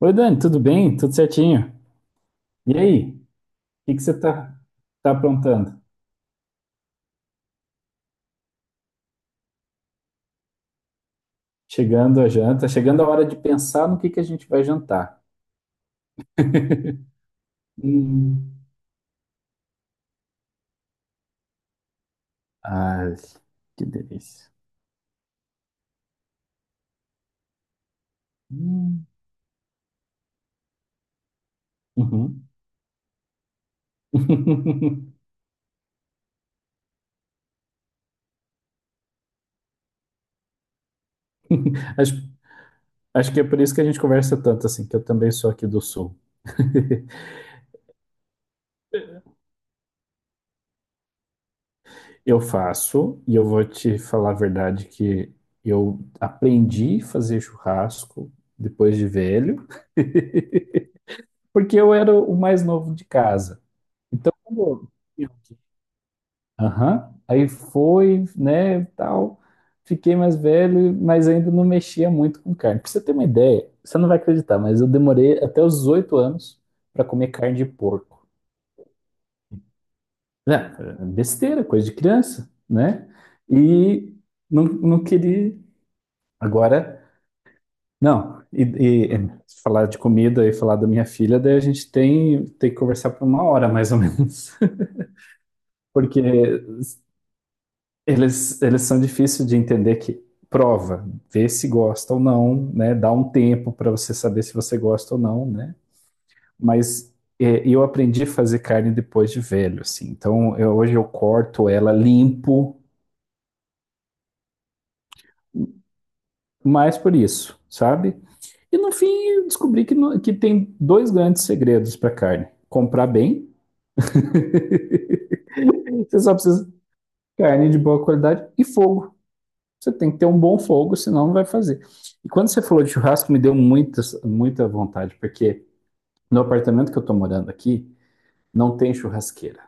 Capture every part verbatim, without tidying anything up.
Oi, Dani, tudo bem? Tudo certinho? E aí, o que que você tá, tá aprontando? Chegando a janta, chegando a hora de pensar no que que a gente vai jantar. Hum. Ai, que delícia. Hum. Uhum. Acho, acho que é por isso que a gente conversa tanto assim, que eu também sou aqui do Sul. Eu faço, e eu vou te falar a verdade que eu aprendi a fazer churrasco depois de velho. Porque eu era o mais novo de casa. Então, quando eu- Aham. Aí foi, né, tal. Fiquei mais velho, mas ainda não mexia muito com carne. Pra você ter uma ideia, você não vai acreditar, mas eu demorei até os oito anos para comer carne de porco. É, é besteira, coisa de criança, né? E não, não queria. Agora, não. E, e, e falar de comida e falar da minha filha, daí a gente tem, tem que conversar por uma hora, mais ou menos. Porque Eles, eles são difíceis de entender que prova, vê se gosta ou não, né? Dá um tempo para você saber se você gosta ou não, né? Mas é, eu aprendi a fazer carne depois de velho, assim. Então eu- hoje eu corto ela limpo, mais por isso, sabe? E no fim eu descobri que, no- que tem dois grandes segredos para carne: comprar bem, você só precisa de carne de boa qualidade e fogo. Você tem que ter um bom fogo, senão não vai fazer. E quando você falou de churrasco, me deu muitas, muita vontade, porque no apartamento que eu tô morando aqui, não tem churrasqueira.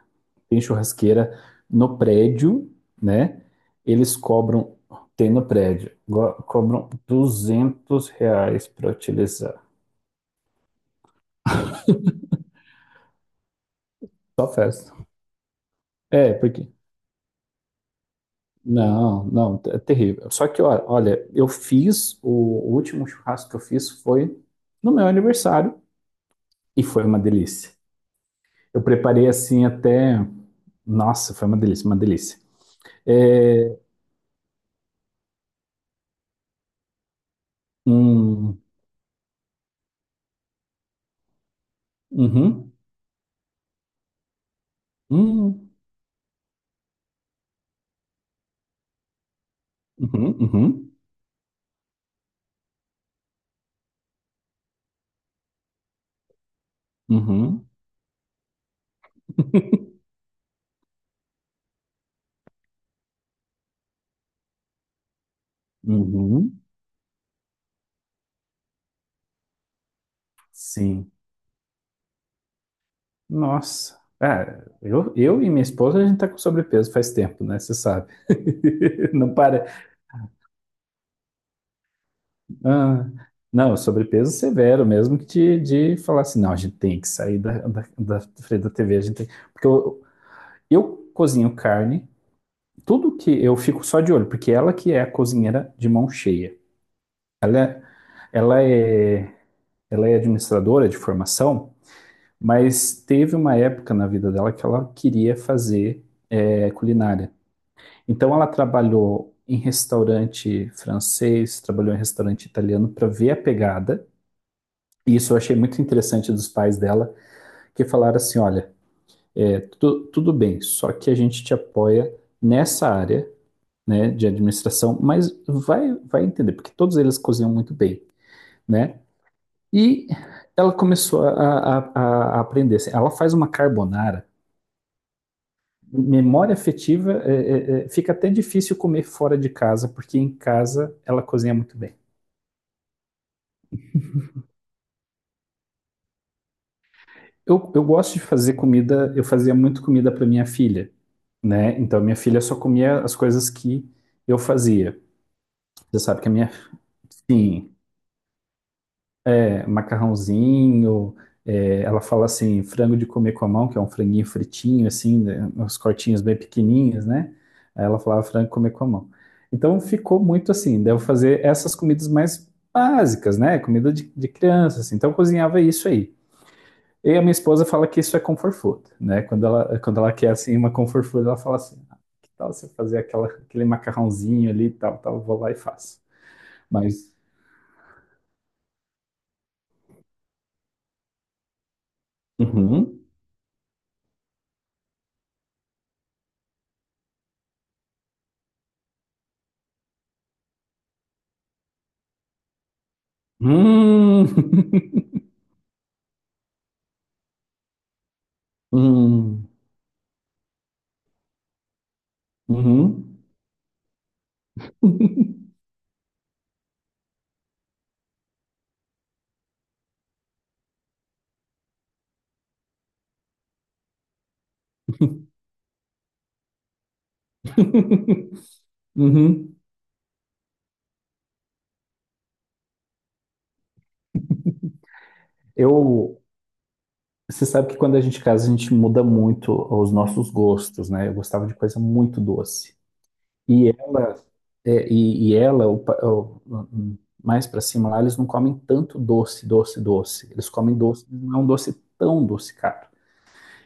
Tem churrasqueira no prédio, né? Eles cobram, tem no prédio, go- cobram duzentos reais para utilizar. Só festa. É, porque. Não, não, é terrível. Só que, ó, olha, eu fiz, o último churrasco que eu fiz foi no meu aniversário e foi uma delícia. Eu preparei assim até. Nossa, foi uma delícia, uma delícia. É, um, uhum. Hum, uhum, uhum, uhum, uhum. Sim. Nossa. Ah, eu, eu e minha esposa, a gente tá com sobrepeso faz tempo, né? Você sabe. Não para. Ah, não, sobrepeso severo mesmo que de, de falar assim, não, a gente tem que sair da, da, da frente da T V, a gente tem. Porque eu, eu cozinho carne, tudo que eu fico só de olho, porque ela que é a cozinheira de mão cheia. Ela é, ela é administradora de formação, mas teve uma época na vida dela que ela queria fazer eh, culinária. Então ela trabalhou em restaurante francês, trabalhou em restaurante italiano para ver a pegada. E isso eu achei muito interessante dos pais dela, que falaram assim: olha, eh, tu- tudo bem, só que a gente te apoia nessa área, né, de administração, mas vai, vai entender, porque todos eles cozinham muito bem, né? E ela começou a, a- a- aprender, assim. Ela faz uma carbonara memória afetiva, é, é, é, fica até difícil comer fora de casa, porque em casa ela cozinha muito bem. Eu, eu gosto de fazer comida, eu fazia muito comida para minha filha, né? Então minha filha só comia as coisas que eu fazia. Você sabe que a minha, sim, é, macarrãozinho. É, ela fala assim, frango de comer com a mão, que é um franguinho fritinho, assim, né, uns cortinhos bem pequenininhos, né? Aí ela falava frango de comer com a mão. Então ficou muito assim, devo fazer essas comidas mais básicas, né? Comida de, de criança, assim. Então eu cozinhava isso aí. E a minha esposa fala que isso é comfort food, né? Quando ela, quando ela quer, assim, uma comfort food, ela fala assim, que tal você fazer aquela, aquele macarrãozinho ali e tal, tal, eu vou lá e faço. Mas. Uhum. Hum. Hum. Uhum. Uhum. Eu, Você sabe que quando a gente casa, a gente muda muito os nossos gostos, né? Eu gostava de coisa muito doce. E ela, é, e, e ela, o pa- o- o- mais pra cima lá, eles não comem tanto doce, doce, doce. Eles comem doce, mas não é um doce tão docicado.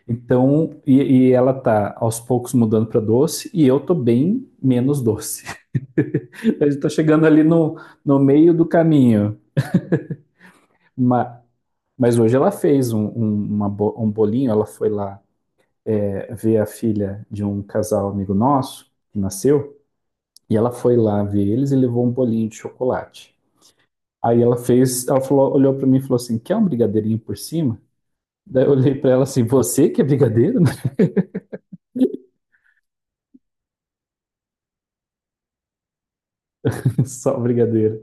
Então, e, e ela tá aos poucos mudando pra doce e eu tô bem menos doce. A gente tá chegando ali no, no meio do caminho. Mas hoje ela fez um, um, uma um bolinho, ela foi lá é, ver a filha de um casal amigo nosso, que nasceu, e ela foi lá ver eles e levou um bolinho de chocolate. Aí ela fez, ela falou- olhou pra mim e falou assim: quer um brigadeirinho por cima? Daí eu olhei pra ela assim: você que é brigadeiro? Só brigadeiro.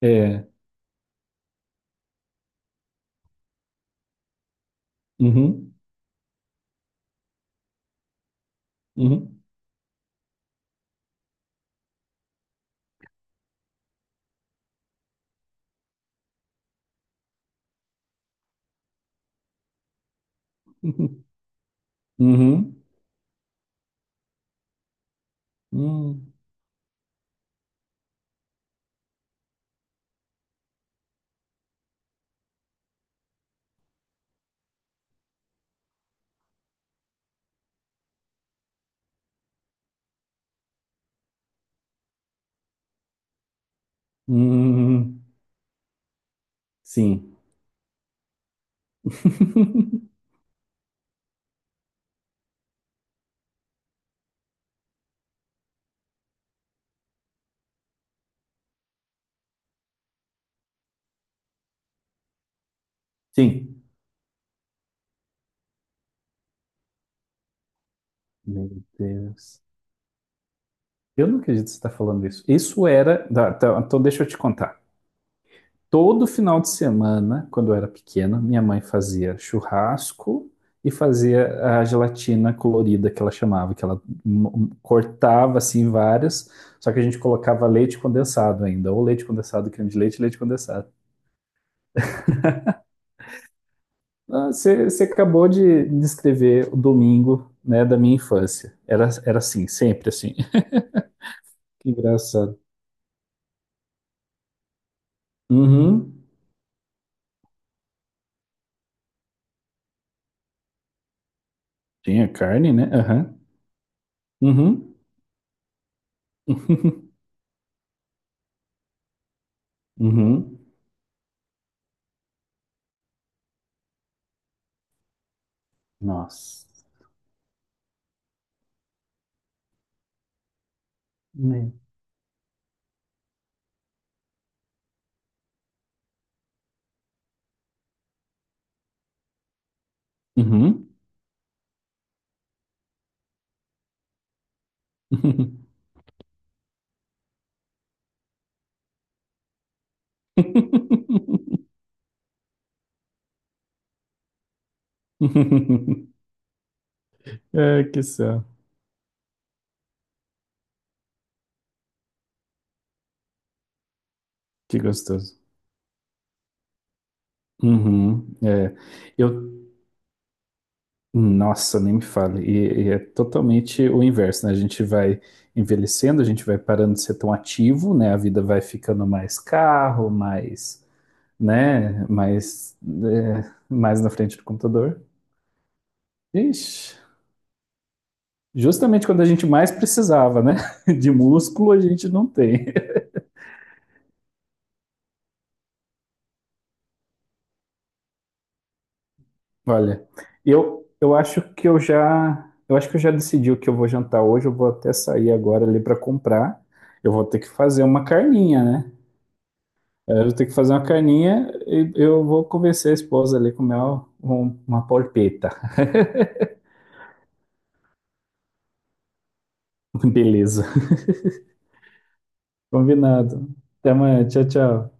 É. Uhum, uhum, uhum, uhum, uhum, uhum, uhum. Sim, sim. Meu Deus. Eu não acredito que você está falando isso. Isso era. Tá, tá. Então, deixa eu te contar. Todo final de semana, quando eu era pequeno, minha mãe fazia churrasco e fazia a gelatina colorida que ela chamava, que ela m- cortava assim várias, só que a gente colocava leite condensado ainda, ou leite condensado, creme de leite, leite condensado. Ah, Você você acabou de descrever o domingo, né, da minha infância. Era, era assim, sempre assim. Que engraçado. Uhum. Tinha carne, né? Aham. Uhum. Uhum. Uhum. Nossa. Né? Uhum. É, que céu. Que gostoso. Uhum. É, eu, nossa, nem me fale. E, e é totalmente o inverso, né? A gente vai envelhecendo, a gente vai parando de ser tão ativo, né? A vida vai ficando mais carro, mais, né? Mais, é, mais na frente do computador. Ixi. Justamente quando a gente mais precisava, né? De músculo a gente não tem. Olha, eu, eu acho que eu já, eu acho que eu já decidi o que eu vou jantar hoje. Eu vou até sair agora ali para comprar. Eu vou ter que fazer uma carninha, né? É, eu vou ter que fazer uma carninha e eu vou convencer a esposa ali a comer uma, uma polpeta. Beleza. Combinado. Até amanhã. Tchau, tchau.